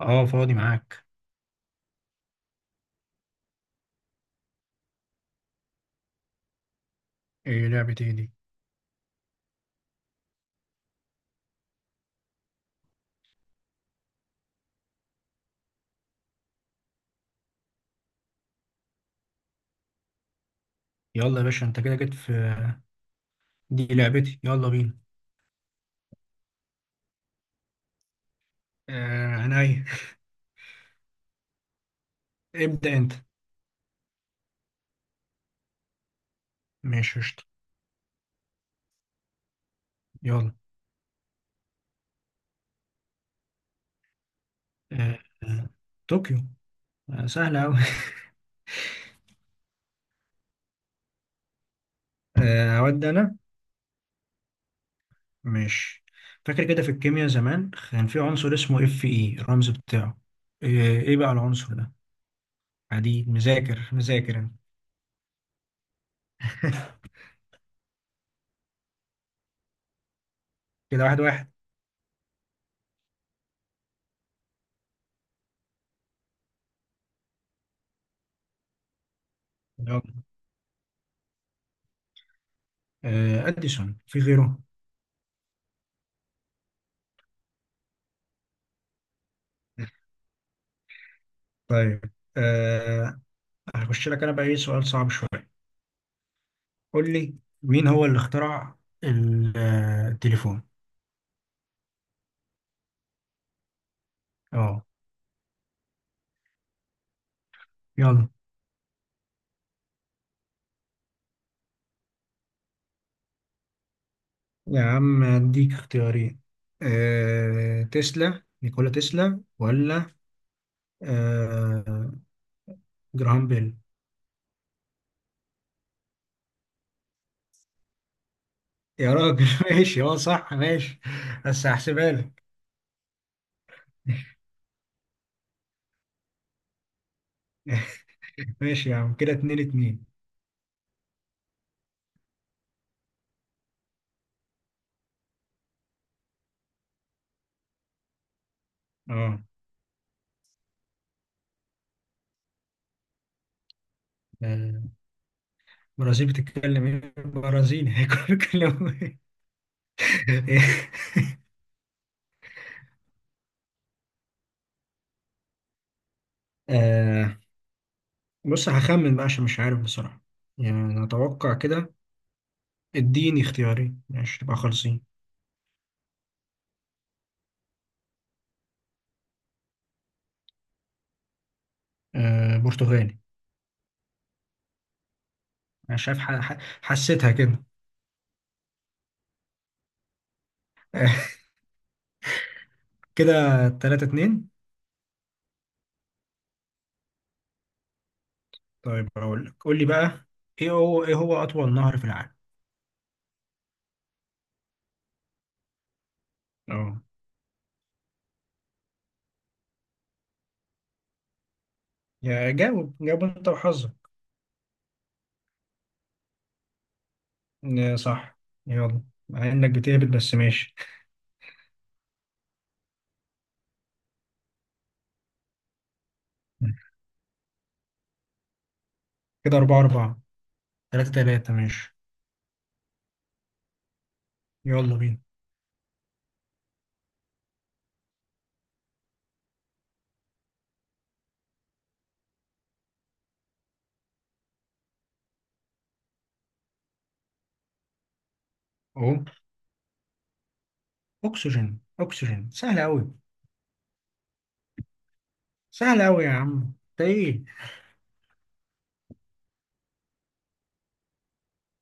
اه فاضي معاك. ايه لعبة ايه دي؟ يلا يا باشا، انت كده جيت في دي لعبتي، يلا بينا. آه عينيا. ابدأ انت. ماشي، قشطة. يلا. آه، آه، طوكيو. آه، سهلة أوي. آه، أود أنا. ماشي. فاكر كده، في الكيمياء زمان كان في عنصر اسمه اف اي الرمز بتاعه، آه ايه بقى العنصر ده؟ حديد، مذاكر مذاكر أنا. كده، واحد واحد. يلا. آه، أديسون، في غيره؟ طيب. آه، هخش لك أنا بقى، ايه سؤال صعب شوية. قول لي، مين هو اللي اخترع التليفون؟ اه. يلا. يا عم، اديك اختيارين. تسلا نيكولا تسلا، ولا أه... جراهام بيل؟ يا راجل ماشي، اه، صح، ماشي. بس هحسبها لك. ماشي يا عم، كده اتنين اتنين. اه. آه، البرازيل بتتكلم ايه؟ برازيلي؟ هيكونوا بيتكلموا ايه؟ آه، بص، هخمن بقى عشان مش عارف بصراحة. يعني أنا أتوقع كده. اديني اختيارين، ماشي تبقى خالصين. آه، برتغالي. انا شايف حسيتها كده. كده 3-2. طيب، هقول لك، قول لي بقى، ايه هو اطول نهر في العالم؟ اه. يا، جاوب جاوب انت وحظك. آه، صح. يلا. مع انك بتهبط، بس ماشي. كده 4-4، 3-3، ماشي. يلا بينا. اهو. اكسجين، اكسجين، سهل قوي. سهل قوي يا عم، انت ايه؟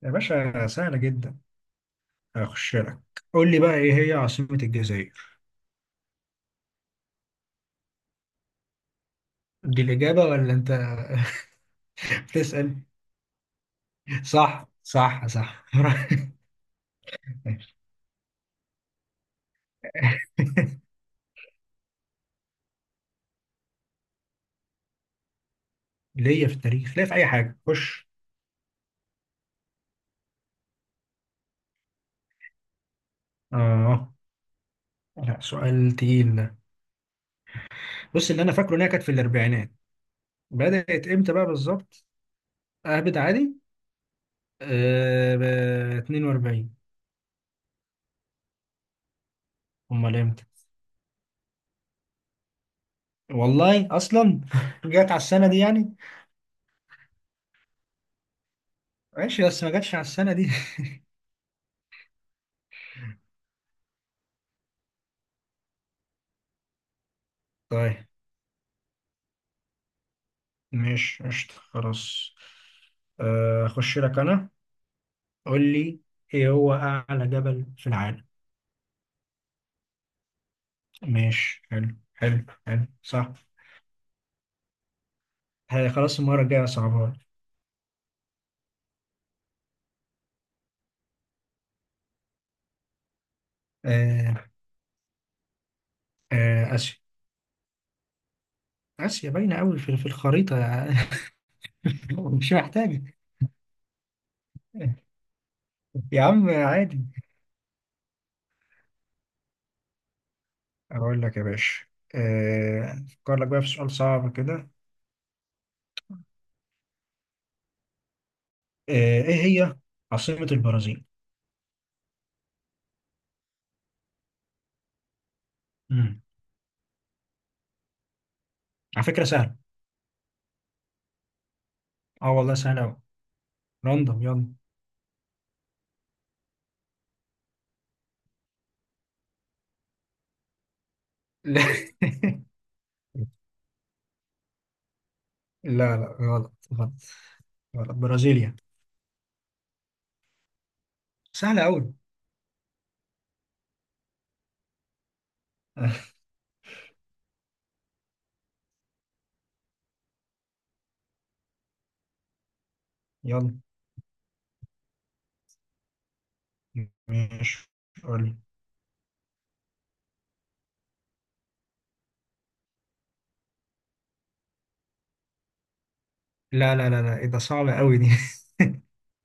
يا باشا، سهله جدا. هخش لك. قول لي بقى، ايه هي عاصمة الجزائر؟ دي الإجابة ولا أنت بتسأل؟ صح، صح، صح. ليا في التاريخ، ليا في أي حاجة، خش. آه. لا، سؤال تقيل ده. بص، اللي أنا فاكره إنها كانت في الأربعينات. بدأت إمتى بقى بالظبط؟ أهبد عادي. آه، ب 42. أمال إمتى؟ والله أصلا جت على السنة دي يعني. ماشي بس ما جاتش على السنة دي. طيب، ماشي، قشطة خلاص. آه، أخش لك أنا. قول لي، ايه هو اعلى جبل في العالم؟ ماشي، حلو حلو حلو، صح. ها، خلاص، المره الجايه صعبها. آه. آه، اسيا. اسيا باينه قوي في الخريطه. مش محتاجه. يا عم، عادي. اقول لك يا باشا. آه، افكر لك بقى في سؤال صعب كده. آه، ايه هي عاصمه البرازيل؟ امم على فكره، سهله. اه والله سهله قوي. راندوم، يلا. لا، لا، لا، غلط، غلط. غلط، برازيليا. سهله قوي. يلا. ماشي. قولي. لا، لا، لا، لا، ايه ده؟ صعب قوي دي.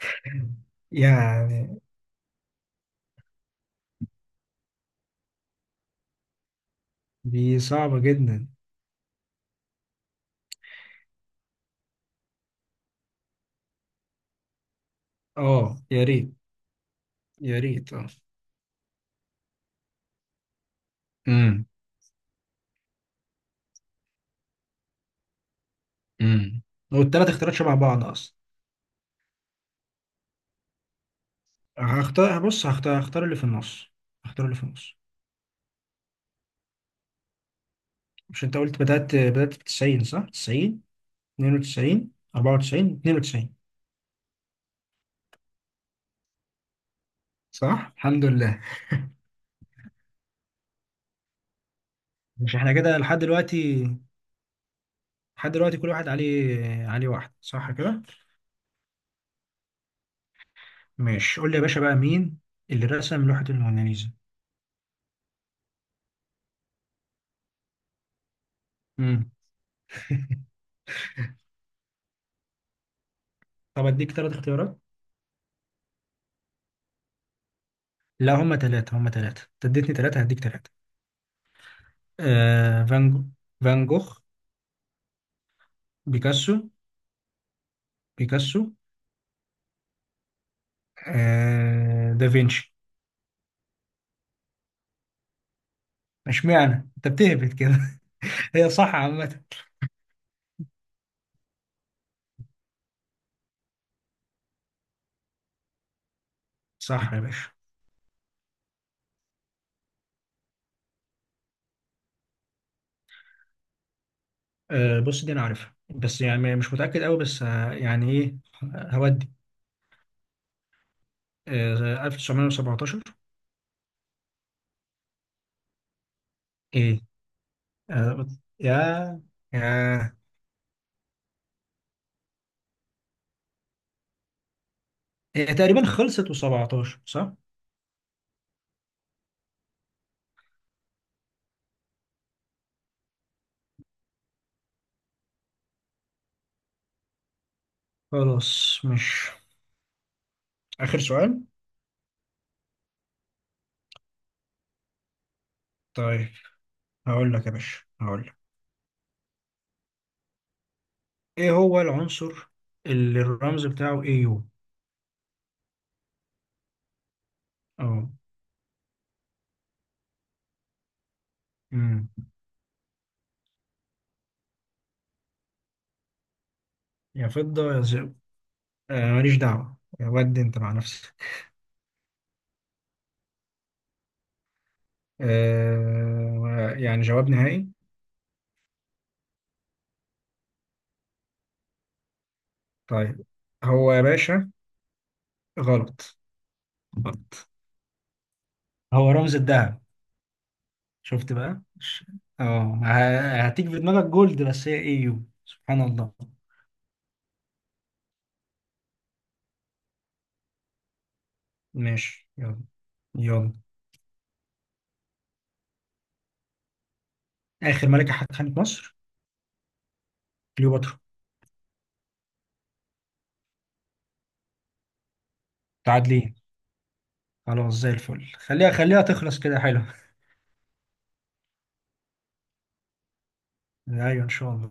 يعني. دي صعبة جدا. اه يا ريت. يا ريت اه. امم امم والتلات اختيارات شبه بعض اصلا. هختار، بص، هختار اللي في النص. هختار اللي في النص. مش انت قلت بدأت في 90، صح؟ 90 92 94، 92. صح، الحمد لله. مش احنا كده لحد دلوقتي؟ لحد دلوقتي كل واحد عليه واحد، صح كده؟ ماشي، قول لي يا باشا بقى، مين اللي رسم لوحة الموناليزا؟ امم طب اديك ثلاث اختيارات. لا، هما ثلاثة، هما ثلاثة، انت اديتني ثلاثة هديك ثلاثة. آه، فان جوخ. بيكاسو. بيكاسو. آه، دافنشي. اشمعنى انت بتهبط كده؟ هي صح عامة. صح يا باشا. آه، بص، دي انا عارفها، بس يعني مش متأكد قوي، بس يعني ايه. هودي. آه، 1917. ايه. آه، يا يا هي تقريبا خلصت و17، صح. خلاص، مش. آخر سؤال. طيب، هقول لك يا باشا، هقول لك. إيه هو العنصر اللي الرمز بتاعه اي يو؟ أه. أمم. يا فضة يا ذهب. آه، ماليش دعوة، ودي أنت مع نفسك. آه، يعني جواب نهائي؟ طيب. هو يا باشا. غلط. غلط. هو رمز الذهب. شفت بقى. هتيجي في دماغك جولد، بس هي اي يو، سبحان الله. ماشي، يلا. يلا. آخر ملكة حكمت مصر؟ كليوباترا. متعادلين. خلاص، زي الفل، خليها خليها تخلص كده، حلو. ايوه، ان شاء الله.